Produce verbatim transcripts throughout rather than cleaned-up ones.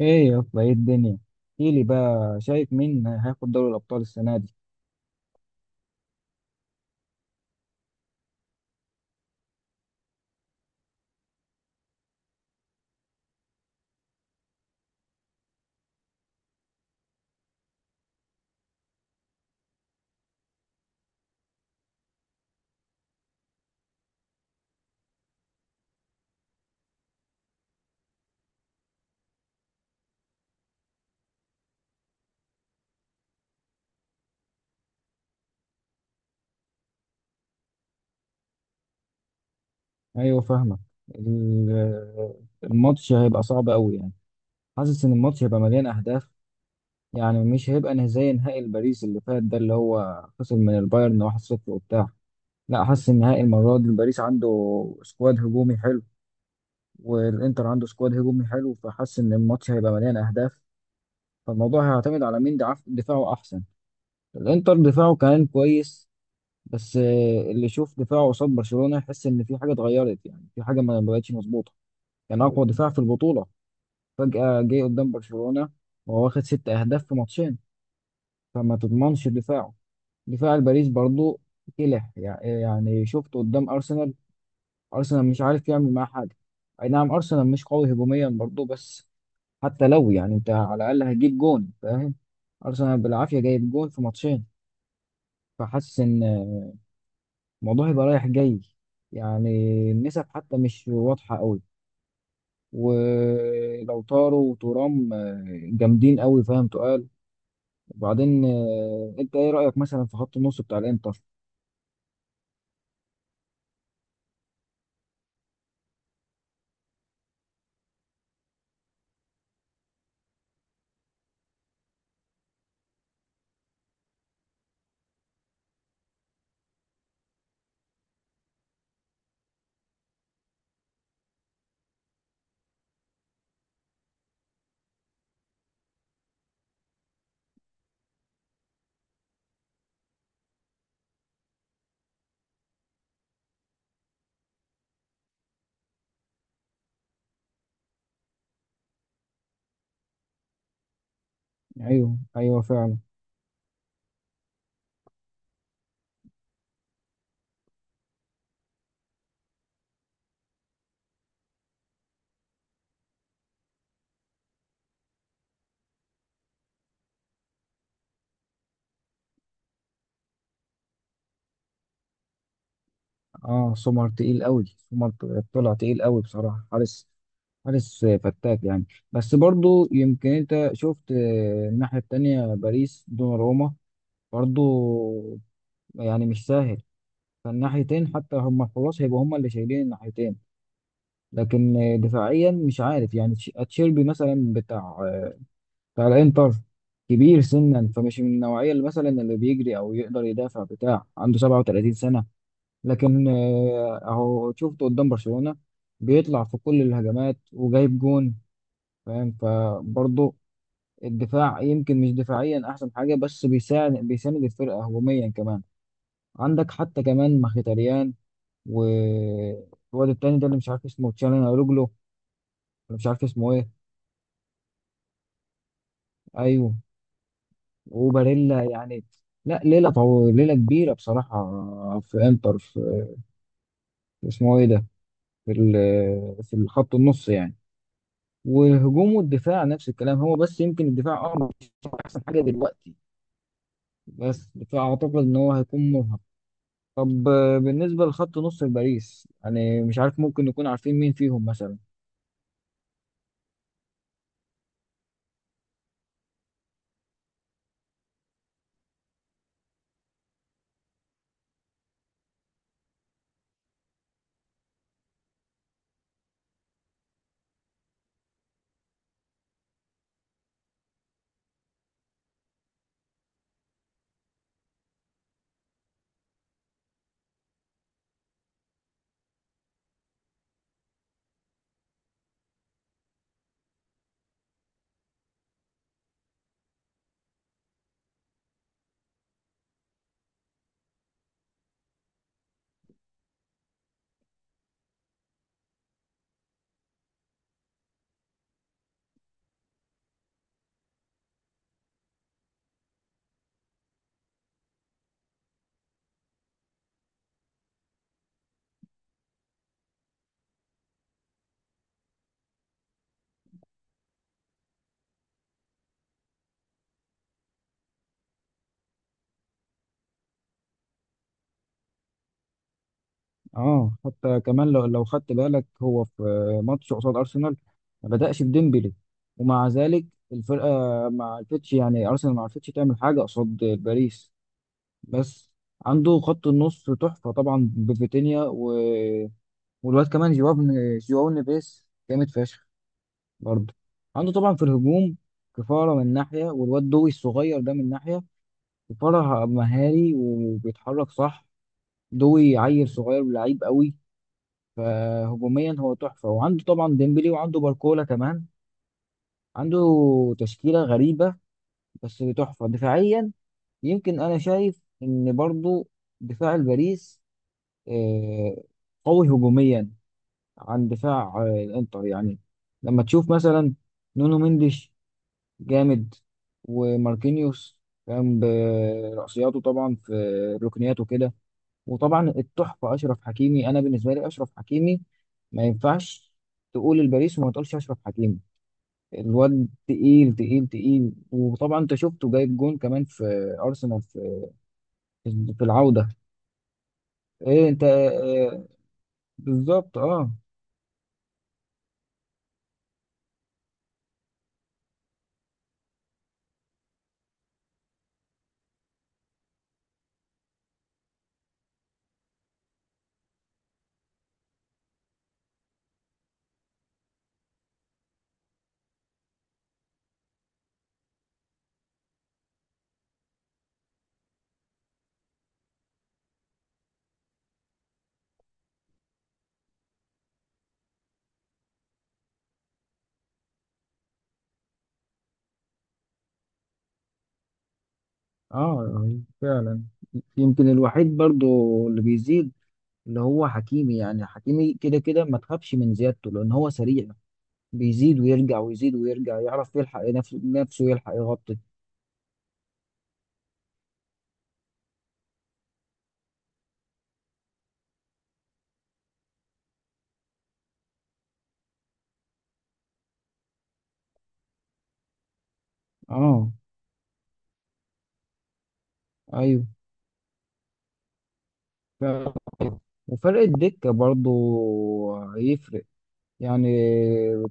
ايه يا اسطى، ايه الدنيا؟ احكيلي بقى، شايف مين هياخد دوري الابطال السنه دي؟ ايوه، فاهمك. ال- الماتش هيبقى صعب قوي يعني. حاسس ان الماتش هيبقى مليان اهداف. يعني مش هيبقى نه- زي نهائي باريس اللي فات، ده اللي هو خسر من البايرن واحد لا شيء وبتاع. لا، حاسس ان نهائي المره دي باريس عنده سكواد هجومي حلو، والانتر عنده سكواد هجومي حلو، فحاسس ان الماتش هيبقى مليان اهداف. فالموضوع هيعتمد على مين دعف- دفاعه احسن. الانتر دفاعه كان كويس، بس آه، اللي يشوف دفاعه قصاد برشلونة يحس ان في حاجة اتغيرت، يعني في حاجة ما ما بقتش مظبوطة. يعني اقوى دفاع في البطولة فجأة جه قدام برشلونة وهو واخد ست اهداف في ماتشين، فما تضمنش دفاعه. دفاع الباريس برضو كلح، يع- يعني شفت قدام ارسنال، ارسنال مش عارف يعمل معاه حاجة. اي نعم، ارسنال مش قوي هجوميا برضو، بس حتى لو، يعني انت على الاقل هتجيب جون فاهم. ارسنال بالعافية جايب جون في ماتشين. فحاسس ان الموضوع يبقى رايح جاي، يعني النسب حتى مش واضحة قوي. ولو طاروا وترام آه، جامدين قوي، فاهم؟ تقال. وبعدين آه، انت ايه رأيك مثلا في خط النص بتاع الانتر؟ ايوه ايوه، فعلا. اه، سومر تقيل قوي، سومر طلع تقيل قوي بصراحة. حارس، حارس فتاك يعني. بس برضو يمكن انت شفت، آه، الناحية التانية باريس دوناروما برضو، يعني مش سهل. فالناحيتين حتى هما خلاص هيبقوا هما اللي شايلين الناحيتين. لكن دفاعيا مش عارف يعني، تش- اتشيربي مثلا بتاع بتاع الانتر كبير سنا، فمش من النوعيه اللي مثلا اللي بيجري او يقدر يدافع، بتاع عنده سبعة وتلاتين سنه. لكن آه، اهو شفته قدام برشلونه بيطلع في كل الهجمات وجايب جون، فاهم؟ فبرضه الدفاع يمكن مش دفاعيا احسن حاجه، بس بيساعد بيساند الفرقه هجوميا كمان. عندك حتى كمان مخيتاريان، والواد التاني ده اللي مش عارف اسمه، تشالهانوغلو ولا مش عارف اسمه ايه. ايوه. وباريلا يعني، لا ليله طو... ليله كبيره بصراحه في انتر. في اسمه ايه ده، في ال- في الخط النص يعني. وهجوم والدفاع نفس الكلام، هو بس يمكن الدفاع اه مش احسن حاجه دلوقتي، بس فاعتقد ان هو هيكون مرهق. طب آه، بالنسبه لخط نص باريس يعني مش عارف، ممكن نكون عارفين مين فيهم مثلا؟ اه، حتى كمان لو لو خدت بالك، هو في ماتش قصاد ارسنال ما بدأش بديمبلي، ومع ذلك الفرقه ما عرفتش، يعني ارسنال ما عرفتش تعمل حاجه قصاد باريس. بس عنده خط النص تحفه طبعا بفيتينيا و... والواد كمان جواو، جواو نيفيس جامد فشخ. برضه عنده طبعا في الهجوم كفاره من ناحيه، والواد دوي الصغير ده من ناحيه. كفاره مهاري وبيتحرك صح. دوي عيل صغير ولعيب قوي. فهجوميا هو تحفة، وعنده طبعا ديمبلي وعنده باركولا كمان. عنده تشكيلة غريبة، بس تحفة دفاعيا. يمكن أنا شايف إن برضو دفاع الباريس آه، قوي هجوميا عن دفاع آه، الإنتر يعني. لما تشوف مثلا نونو مندش جامد، وماركينيوس كان برأسياته طبعا في ركنياته كده. وطبعا التحفه اشرف حكيمي، انا بالنسبه لي اشرف حكيمي ما ينفعش تقول الباريس وما تقولش اشرف حكيمي. الواد تقيل تقيل تقيل، وطبعا انت شفته جايب جون كمان في ارسنال، في في العوده. ايه انت آه، بالظبط، اه. اه، فعلا. يمكن الوحيد برضو اللي بيزيد اللي هو حكيمي، يعني حكيمي كده كده ما تخافش من زيادته لان هو سريع، بيزيد ويرجع ويزيد ويرجع، يعرف يلحق نفسه نفسه يلحق يغطي. اه، ايوه. ف- وفرق الدكة برضو هيفرق يعني.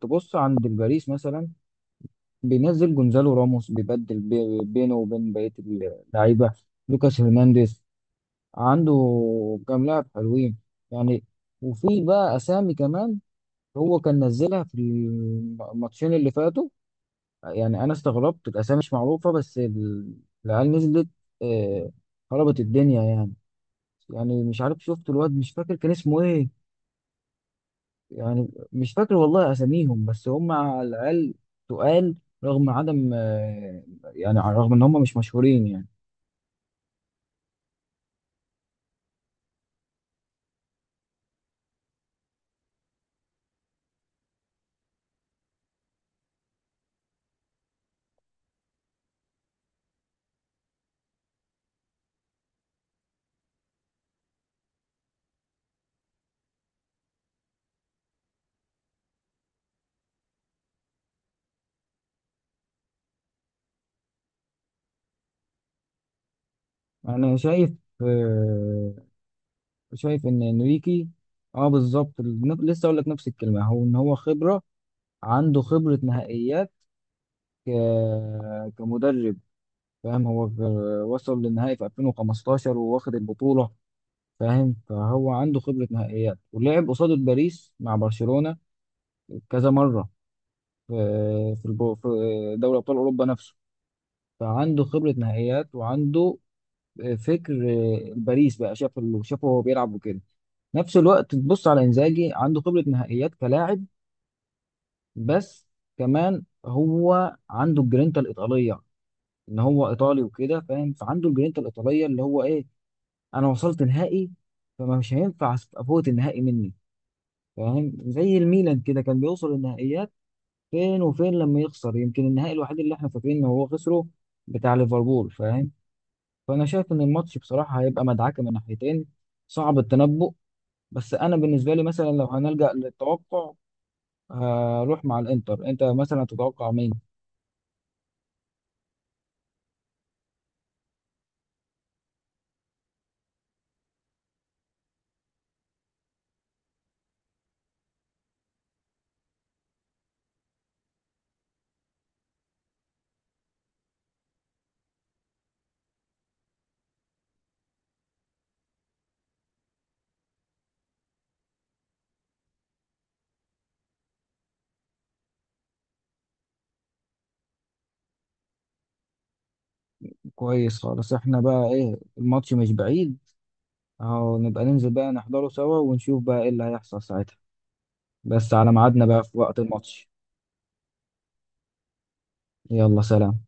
تبص عند الباريس مثلا، بينزل جونزالو راموس، بيبدل بي- بينه وبين بقية اللعيبة. لوكاس هرنانديز، عنده كام لاعب حلوين يعني. وفي بقى أسامي كمان هو كان نزلها في الماتشين اللي فاتوا. يعني أنا استغربت، الأسامي مش معروفة، بس ال- العيال نزلت آه، خربت الدنيا يعني. يعني مش عارف، شفت الواد مش فاكر كان اسمه ايه، يعني مش فاكر والله اساميهم، بس هم على الاقل تقال. رغم عدم، آه، يعني رغم ان هم مش مشهورين يعني. انا شايف آه، شايف ان انريكي. اه بالظبط، نف- لسه اقول لك نفس الكلمه، هو ان هو خبره، عنده خبره نهائيات ك- كمدرب، فاهم؟ هو غ- وصل للنهائي في ألفين وخمستاشر وواخد البطوله، فاهم؟ فهو عنده خبره نهائيات ولعب قصاد باريس مع برشلونه كذا مره في في البو- في دوري ابطال اوروبا نفسه. فعنده خبره نهائيات وعنده آه، فكر آه، باريس بقى شاف اللي شافه وهو بيلعب وكده. نفس الوقت تبص على انزاجي، عنده خبره نهائيات كلاعب، بس كمان هو عنده الجرينتا الايطاليه، ان هو ايطالي وكده فاهم. فعنده الجرينتا الايطاليه اللي هو ايه، انا وصلت نهائي فما مش هينفع افوت النهائي مني، فاهم؟ زي الميلان كده كان بيوصل النهائيات فين وفين، لما يخسر يمكن النهائي الوحيد اللي احنا فاكرين ان هو خسره بتاع ليفربول، فاهم؟ فانا شايف ان الماتش بصراحه هيبقى مدعكه من ناحيتين، صعب التنبؤ. بس انا بالنسبه لي مثلا لو هنلجأ للتوقع هروح مع الانتر، انت مثلا تتوقع مين؟ كويس خالص. احنا بقى ايه، الماتش مش بعيد، اهو نبقى ننزل بقى نحضره سوا ونشوف بقى ايه اللي هيحصل ساعتها. بس على ميعادنا بقى في وقت الماتش. يلا، سلام.